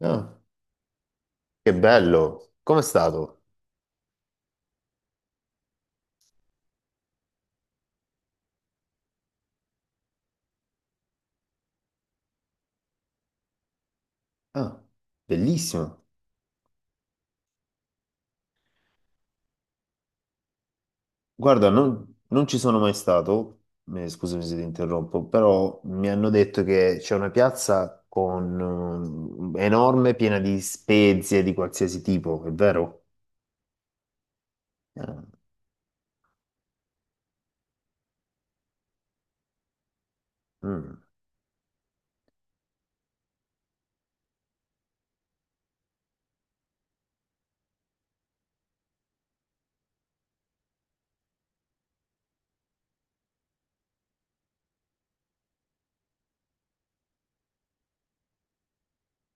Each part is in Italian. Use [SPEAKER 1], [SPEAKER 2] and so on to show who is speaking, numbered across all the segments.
[SPEAKER 1] Ah, che bello! Com'è stato? Ah, bellissimo! Guarda, non ci sono mai stato, scusami se ti interrompo, però mi hanno detto che c'è una piazza con enorme, piena di spezie di qualsiasi tipo, è vero? Ah, mm,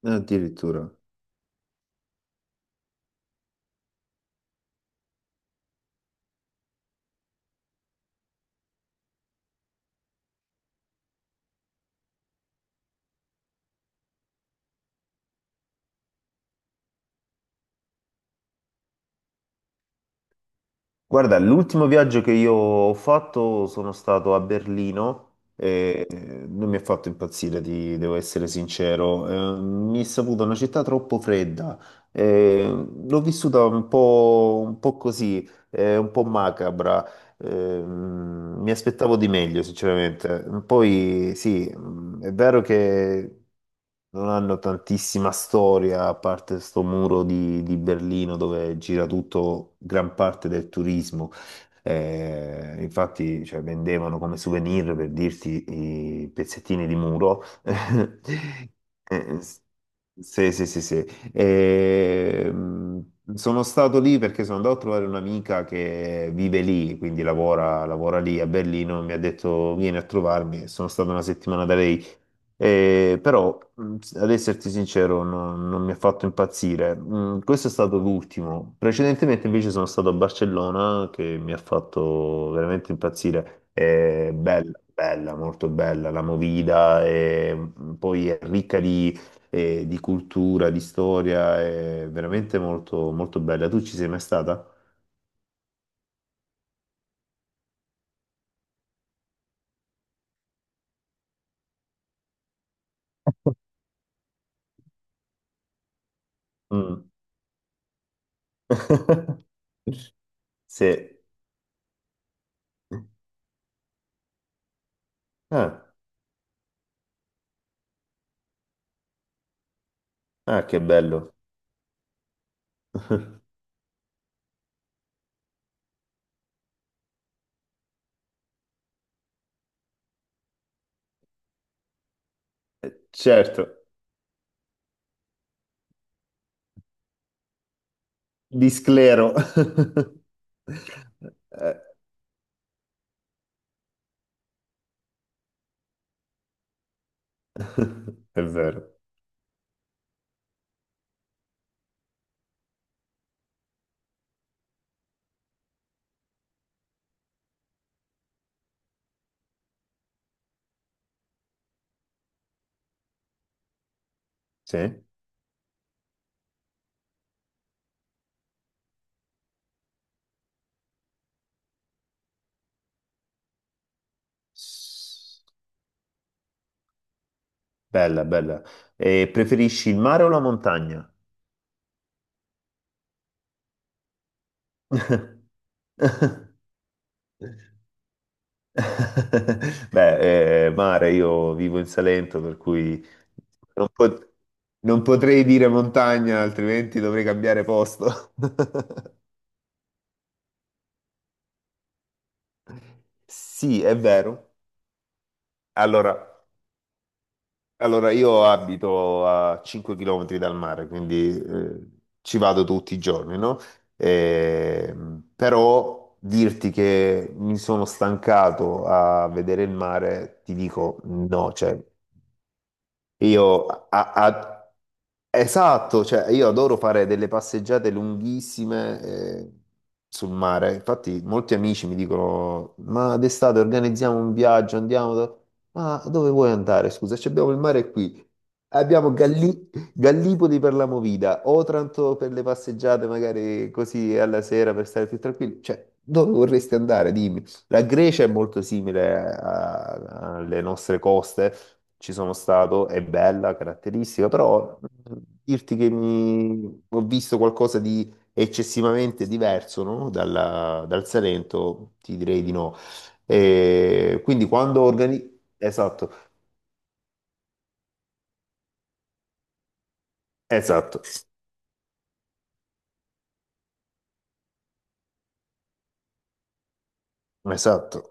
[SPEAKER 1] addirittura. Guarda, l'ultimo viaggio che io ho fatto sono stato a Berlino e non mi ha fatto impazzire, devo essere sincero. Mi è saputo una città troppo fredda. Eh, L'ho vissuta un po' così, un po' macabra. Mi aspettavo di meglio, sinceramente. Poi sì, è vero che non hanno tantissima storia, a parte sto muro di Berlino dove gira tutto, gran parte del turismo. Infatti, cioè, vendevano come souvenir per dirti i pezzettini di muro. Eh, s- sì, sì, sì, sì. E sono stato lì perché sono andato a trovare un'amica che vive lì, quindi lavora lì a Berlino, e mi ha detto vieni a trovarmi, sono stato una settimana da lei. Però, ad esserti sincero, non mi ha fatto impazzire. Questo è stato l'ultimo. Precedentemente invece sono stato a Barcellona che mi ha fatto veramente impazzire. È bella, bella, molto bella la Movida, e poi è ricca di e di cultura, di storia, è veramente molto, molto bella. Tu ci sei mai stata? Mm. Sì. Ah, ah, che bello. Certo, di sclero. Eh, È vero. Sì. Bella, bella. E preferisci il mare o la montagna? Beh, mare, io vivo in Salento, per cui non, pot- non potrei dire montagna, altrimenti dovrei cambiare posto. Sì, è vero. Allora, allora, io abito a 5 km dal mare, quindi ci vado tutti i giorni, no? Però dirti che mi sono stancato a vedere il mare, ti dico no, cioè io a, a- Esatto, cioè io adoro fare delle passeggiate lunghissime sul mare. Infatti, molti amici mi dicono: Ma d'estate organizziamo un viaggio, andiamo. Ma dove vuoi andare? Scusa, ci abbiamo il mare qui. Abbiamo Gallipoli per la movida, Otranto per le passeggiate, magari così alla sera per stare più tranquilli. Cioè, dove vorresti andare? Dimmi. La Grecia è molto simile alle nostre coste. Ci sono stato, è bella, caratteristica, però dirti che ho visto qualcosa di eccessivamente diverso, no? Dal Salento, ti direi di no. E quindi quando organizzo. Esatto, esatto, esatto.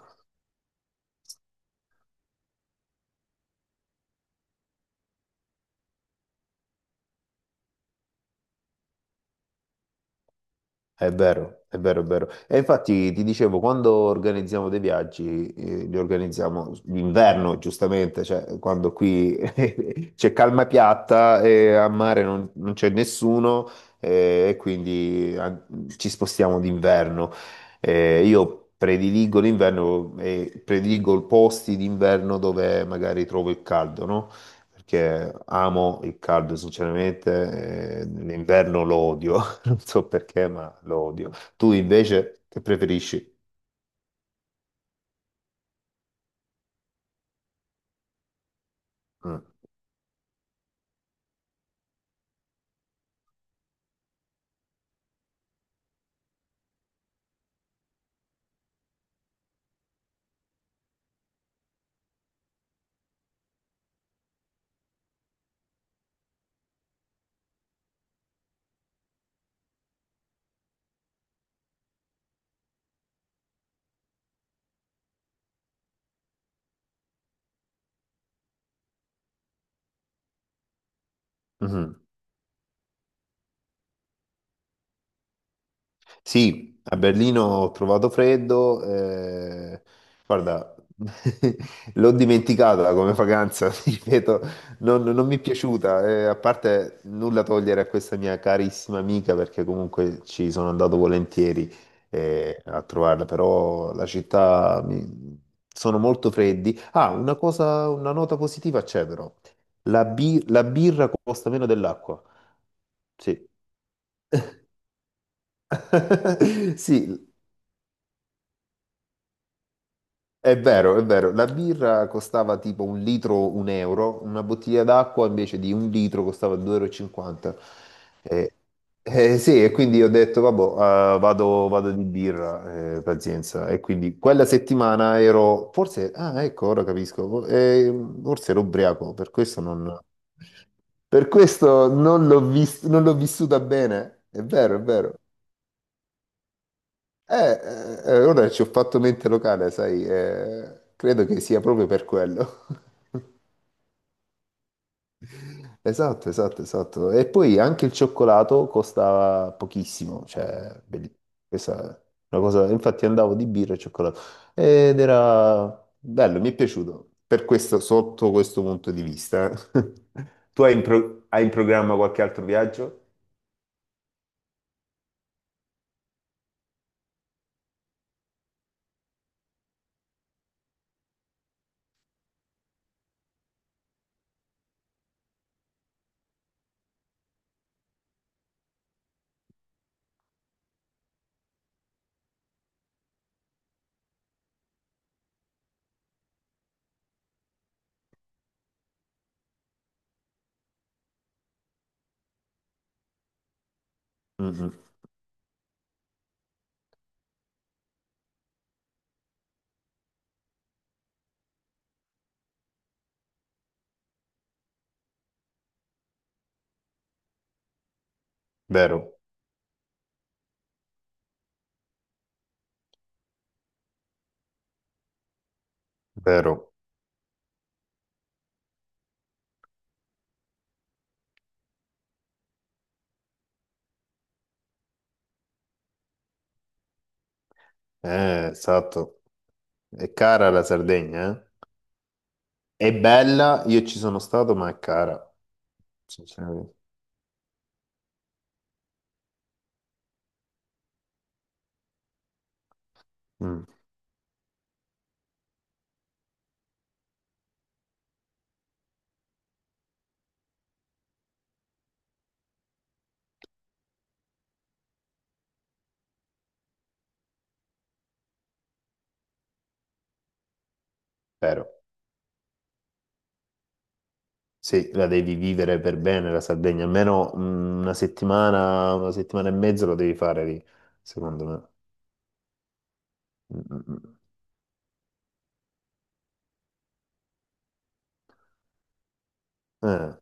[SPEAKER 1] È vero, è vero, è vero. E infatti ti dicevo, quando organizziamo dei viaggi, li organizziamo l'inverno, giustamente, cioè quando qui c'è calma piatta e a mare non c'è nessuno, e quindi ci spostiamo d'inverno. Io prediligo l'inverno e prediligo posti d'inverno dove magari trovo il caldo, no? Perché amo il caldo, sinceramente, l'inverno lo odio. Non so perché, ma lo odio. Tu invece che preferisci? Mm. Mhm. Sì, a Berlino ho trovato freddo, guarda, l'ho dimenticata come vacanza, ti ripeto, non mi è piaciuta, a parte nulla togliere a questa mia carissima amica perché comunque ci sono andato volentieri a trovarla, però la città sono molto freddi. Ah, una cosa, una nota positiva c'è però, la birra costa meno dell'acqua, sì. Sì, è vero, è vero, la birra costava tipo un litro un euro, una bottiglia d'acqua invece di un litro costava 2,50 euro e cinquanta. Eh, sì, e quindi ho detto, vabbè, vado di birra, pazienza. E quindi quella settimana ero, forse, ah ecco, ora capisco, forse ero ubriaco, per questo non non l'ho vissuta bene. È vero, è vero. Ora ci ho fatto mente locale, sai, credo che sia proprio per quello. Esatto, esatto, esatto. E poi anche il cioccolato costa pochissimo, questa è una cosa, infatti andavo di birra e cioccolato ed era bello, mi è piaciuto, per questo, sotto questo punto di vista. Tu hai in programma qualche altro viaggio? Mm, mm. Vero, vero, esatto. È cara la Sardegna, eh? È bella, io ci sono stato, ma è cara, sinceramente. Mm, vero. Sì, la devi vivere per bene la Sardegna, almeno una settimana e mezza lo devi fare lì, secondo me. Mm, mm, mm. Eh,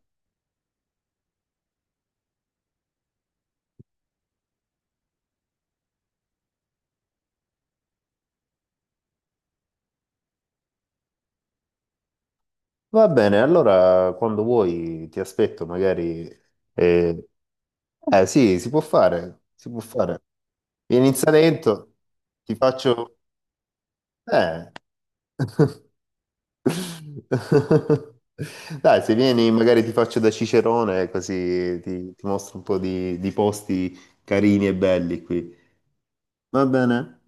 [SPEAKER 1] va bene, allora quando vuoi ti aspetto, magari. Eh, eh, sì, si può fare, si può fare. Vieni in Salento, ti faccio. Eh. Dai, se vieni, magari ti faccio da Cicerone, così ti mostro un po' di posti carini e belli qui. Va bene?